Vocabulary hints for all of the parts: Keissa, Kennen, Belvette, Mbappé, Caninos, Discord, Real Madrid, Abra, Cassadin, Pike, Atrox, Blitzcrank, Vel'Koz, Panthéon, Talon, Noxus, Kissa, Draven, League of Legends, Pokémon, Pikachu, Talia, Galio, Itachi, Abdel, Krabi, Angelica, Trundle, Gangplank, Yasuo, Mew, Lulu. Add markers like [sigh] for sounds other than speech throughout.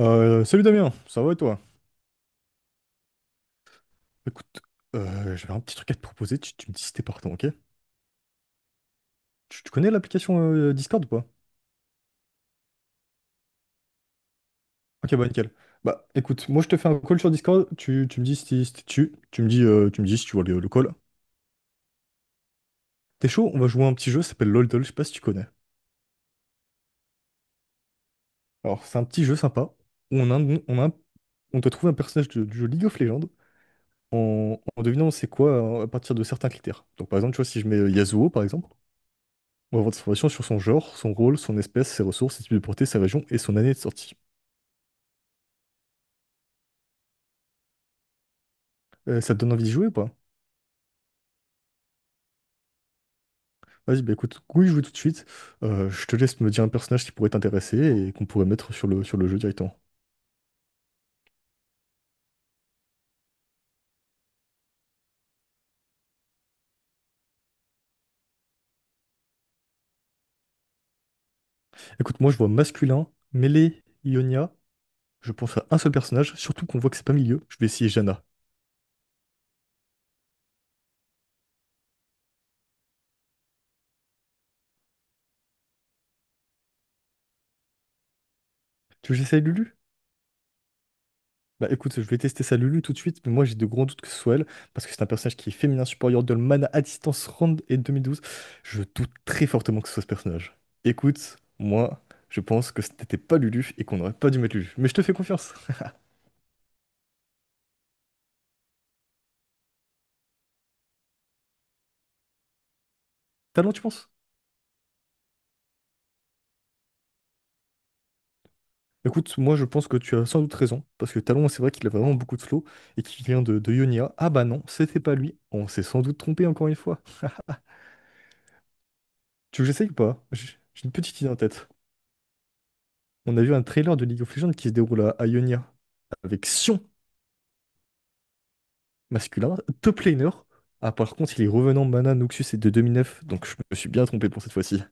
Salut Damien, ça va et toi? Écoute, j'avais un petit truc à te proposer, tu me dis si t'es partant, ok? Tu connais l'application Discord ou pas? Ok, bah nickel. Bah écoute, moi je te fais un call sur Discord, tu me dis si si t'es tu, tu me dis si tu vois le call. T'es chaud? On va jouer à un petit jeu, ça s'appelle LOLDOL, je sais pas si tu connais. Alors c'est un petit jeu sympa, où on a, un- on a un- on doit trouver un personnage du jeu League of Legends en devinant c'est quoi à partir de certains critères. Donc par exemple, tu vois, si je mets Yasuo par exemple, on va avoir des informations sur son genre, son rôle, son espèce, ses ressources, ses types de portée, sa région et son année de sortie. Ça te donne envie de jouer ou pas? Vas-y, bah écoute, oui, joue tout de suite. Je te laisse me dire un personnage qui pourrait t'intéresser et qu'on pourrait mettre sur le jeu directement. Écoute, moi je vois masculin, mêlé, Ionia. Je pense à un seul personnage, surtout qu'on voit que c'est pas milieu. Je vais essayer Jana. Tu veux que j'essaye Lulu? Bah écoute, je vais tester ça Lulu tout de suite, mais moi j'ai de grands doutes que ce soit elle, parce que c'est un personnage qui est féminin supérieur de Man à distance Rand et 2012. Je doute très fortement que ce soit ce personnage. Écoute, moi, je pense que c'était pas Lulu et qu'on n'aurait pas dû mettre Lulu. Mais je te fais confiance. [laughs] Talon, tu penses? Écoute, moi je pense que tu as sans doute raison, parce que Talon, c'est vrai qu'il a vraiment beaucoup de flow et qu'il vient de Ionia. Ah bah non, c'était pas lui. On s'est sans doute trompé encore une fois. Tu veux que j'essaye ou pas? J'ai une petite idée en tête. On a vu un trailer de League of Legends qui se déroule à Ionia avec Sion. Masculin. Top laner. Ah, par contre, il est revenant mana, Noxus et de 2009, donc je me suis bien trompé pour cette fois-ci.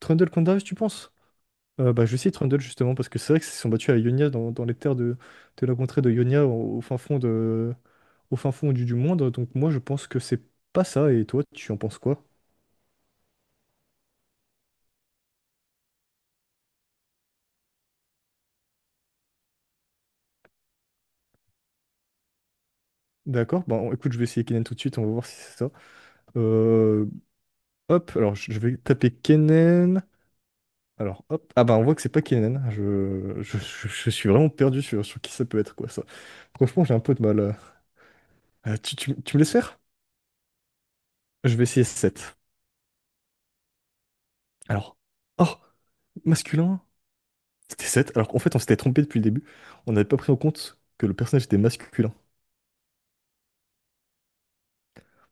Trundle Candaris, tu penses? Bah, je sais Trundle justement, parce que c'est vrai qu'ils se sont battus à Ionia dans les terres de la contrée de Ionia au fin fond au fin fond du monde. Donc, moi, je pense que c'est pas ça. Et toi, tu en penses quoi? D'accord, écoute, je vais essayer Kennen tout de suite, on va voir si c'est ça. Euh, Hop, alors je vais taper Kennen. Alors, hop. Ah bah on voit que c'est pas Kenan. Je suis vraiment perdu sur qui ça peut être, quoi, ça. Franchement, j'ai un peu de mal. Tu me laisses faire? Je vais essayer 7. Alors. Oh! Masculin? C'était 7. Alors qu'en fait, on s'était trompé depuis le début. On n'avait pas pris en compte que le personnage était masculin.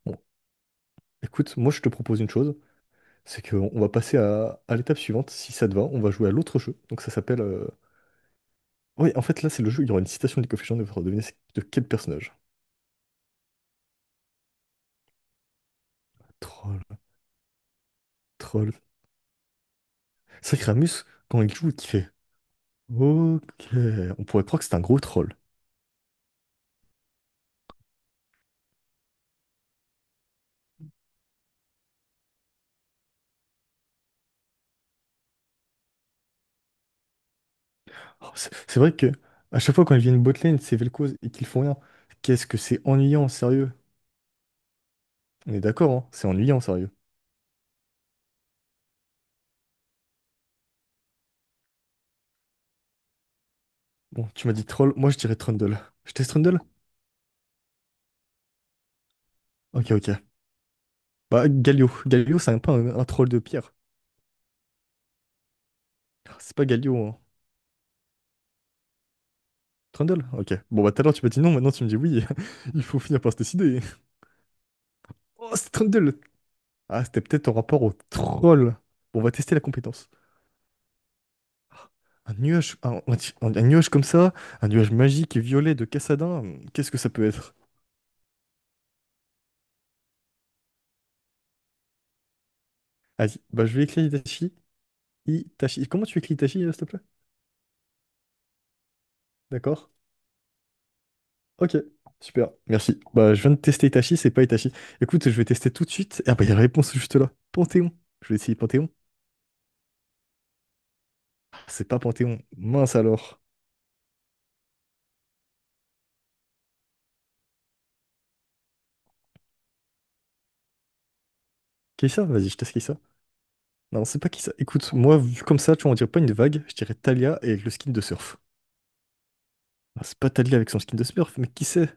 Bon, écoute, moi je te propose une chose, c'est qu'on on va passer à l'étape suivante. Si ça te va, on va jouer à l'autre jeu. Donc ça s'appelle. Oui, en fait, là, c'est le jeu, où il y aura une citation de League of Legends, et il faudra deviner c'est de quel personnage. Troll, troll. C'est vrai que Ramus, quand il joue, il fait ok. On pourrait croire que c'est un gros troll. Oh, c'est vrai que à chaque fois quand il vient une botlane, c'est Vel'Koz et qu'ils font rien. Qu'est-ce que c'est ennuyant, sérieux. On est d'accord, hein, c'est ennuyant, sérieux. Bon, tu m'as dit troll, moi je dirais Trundle. Je teste Trundle? Ok, ok. Bah, Galio. Galio, c'est un peu un troll de pierre. Ah, c'est pas Galio, hein. Trundle? Ok. Bon, bah tout à l'heure tu m'as dit non, maintenant tu me dis oui. [laughs] Il faut finir par se décider. Oh, c'est Trundle! Ah, c'était peut-être en rapport au troll. Bon, on va tester la compétence. Un nuage, un, un- un nuage comme ça, un nuage magique et violet de Cassadin, qu'est-ce que ça peut être? Vas-y, bah je vais écrire Itachi. Itachi. Comment tu écris Itachi, s'il te plaît? D'accord. Ok, super, merci. Bah je viens de tester Itachi, c'est pas Itachi. Écoute, je vais tester tout de suite. Ah bah il y a la réponse juste là. Panthéon. Je vais essayer Panthéon. Ah, c'est pas Panthéon. Mince alors. Kissa? Vas-y, je teste Kissa. Non, c'est pas Kissa. Écoute, moi, vu comme ça, tu vois, on dirait pas une vague, je dirais Talia et le skin de surf. Ah, c'est pas Talia avec son skin de surf, mais qui sait.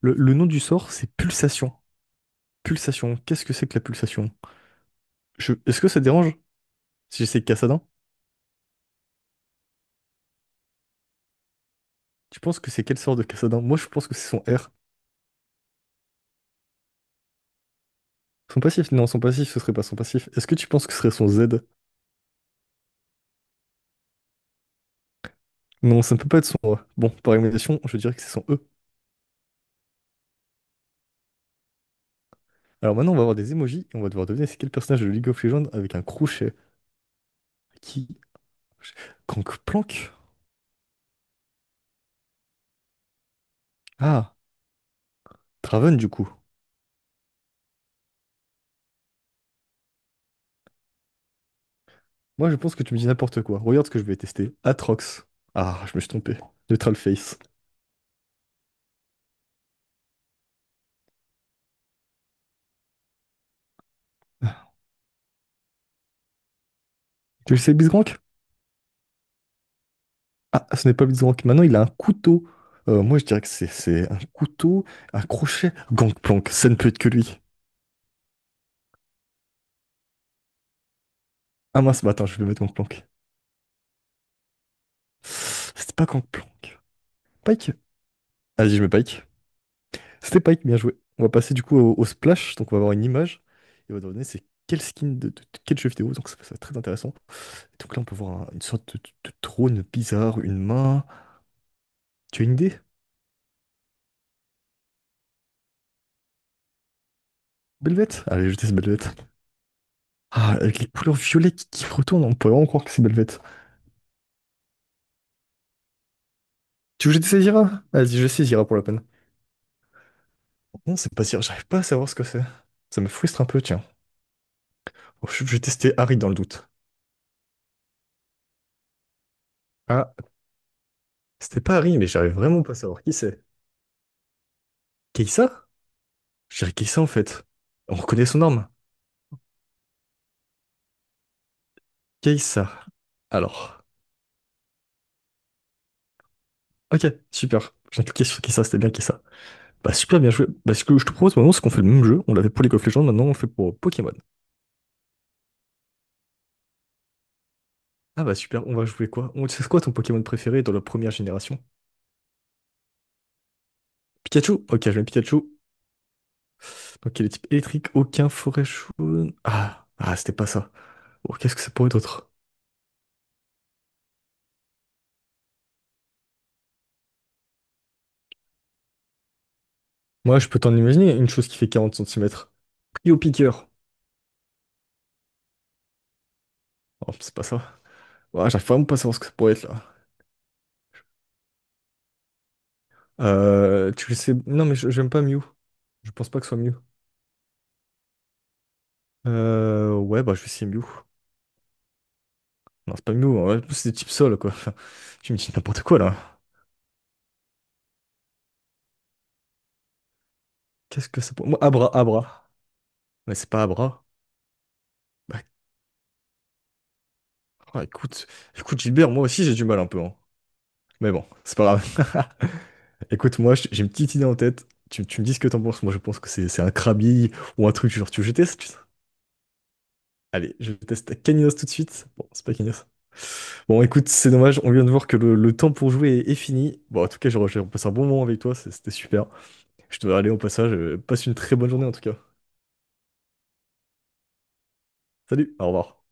Le nom du sort, c'est pulsation. Pulsation. Qu'est-ce que c'est que la pulsation? Est-ce que ça te dérange si j'essaie Cassadin? Tu penses que c'est quel sort de Cassadin? Moi, je pense que c'est son R. Son passif? Non, son passif, ce serait pas son passif. Est-ce que tu penses que ce serait son Z? Non, ça ne peut pas être son A. Bon, par élimination, je dirais que c'est son E. Alors maintenant, on va avoir des emojis et on va devoir deviner c'est quel personnage de League of Legends avec un crochet. Qui? Gangplank? Ah, Draven, du coup. Moi, je pense que tu me dis n'importe quoi. Regarde ce que je vais tester. Atrox. Ah, je me suis trompé. Neutral Face. Tu le sais, Bisgrank? Ah, ce n'est pas Blitzcrank. Maintenant, il a un couteau. Moi, je dirais que c'est un couteau, un crochet. Gangplank, ça ne peut être que lui. Ah mince, bah attends, je vais mettre Gangplank. C'était pas Gangplank. Pike. Allez, je mets Pike. C'était Pike, bien joué. On va passer du coup au splash. Donc, on va avoir une image. Et on va donner c'est quel skin de quel jeu vidéo. Donc, ça va être très intéressant. Donc là, on peut voir une sorte de trône bizarre, une main. Tu as une idée? Belvette? Allez, je teste Belvette. Ah, avec les couleurs violettes qui retournent, on peut vraiment croire que c'est Belvette. Tu veux que je te saisira? Vas-y, je saisira pour l'open. Non, c'est pas dire, j'arrive pas à savoir ce que c'est. Ça me frustre un peu, tiens. Oh, je vais tester Harry dans le doute. Ah, c'était pas Harry, mais j'arrive vraiment pas à savoir qui c'est. Keissa? Je dirais Keissa en fait. On reconnaît son arme. Keissa. Alors. Ok, super. J'ai cliqué sur Keissa, c'était bien Keissa. Bah super, bien joué. Bah ce que je te propose maintenant, c'est qu'on fait le même jeu. On l'avait pour League of Legends, maintenant on le fait pour Pokémon. Ah bah super, on va jouer quoi? On... C'est quoi ton Pokémon préféré dans la première génération? Pikachu? Ok, je mets Pikachu. Ok, les types électriques, aucun, forêt chaude. Ah, ah, c'était pas ça. Oh, qu'est-ce que ça pourrait être d'autre? Moi, je peux t'en imaginer une chose qui fait 40 centimètres. Pris au piqueur. Oh, c'est pas ça. Ouais, j'arrive vraiment pas à savoir ce que ça pourrait être là. Tu le sais. Non, mais j'aime pas Mew. Je pense pas que ce soit Mew. Ouais, bah, je vais essayer Mew. Non, c'est pas Mew, hein. C'est des types sol, quoi. [laughs] Enfin, tu me dis n'importe quoi là. Qu'est-ce que ça pourrait. Moi, Abra, Abra. Mais c'est pas Abra. Bah, ah, écoute, écoute, Gilbert, moi aussi j'ai du mal un peu, hein. Mais bon, c'est pas grave. Écoute, moi, j'ai une petite idée en tête. Tu me dis ce que t'en penses. Moi, je pense que c'est un Krabi ou un truc genre. Tu veux que je teste? Tu Allez, je teste Caninos tout de suite. Bon, c'est pas Caninos. Bon, écoute, c'est dommage. On vient de voir que le temps pour jouer est fini. Bon, en tout cas, j'ai passé un bon moment avec toi. C'était super. Je dois aller au passage. Passe une très bonne journée, en tout cas. Salut, au revoir.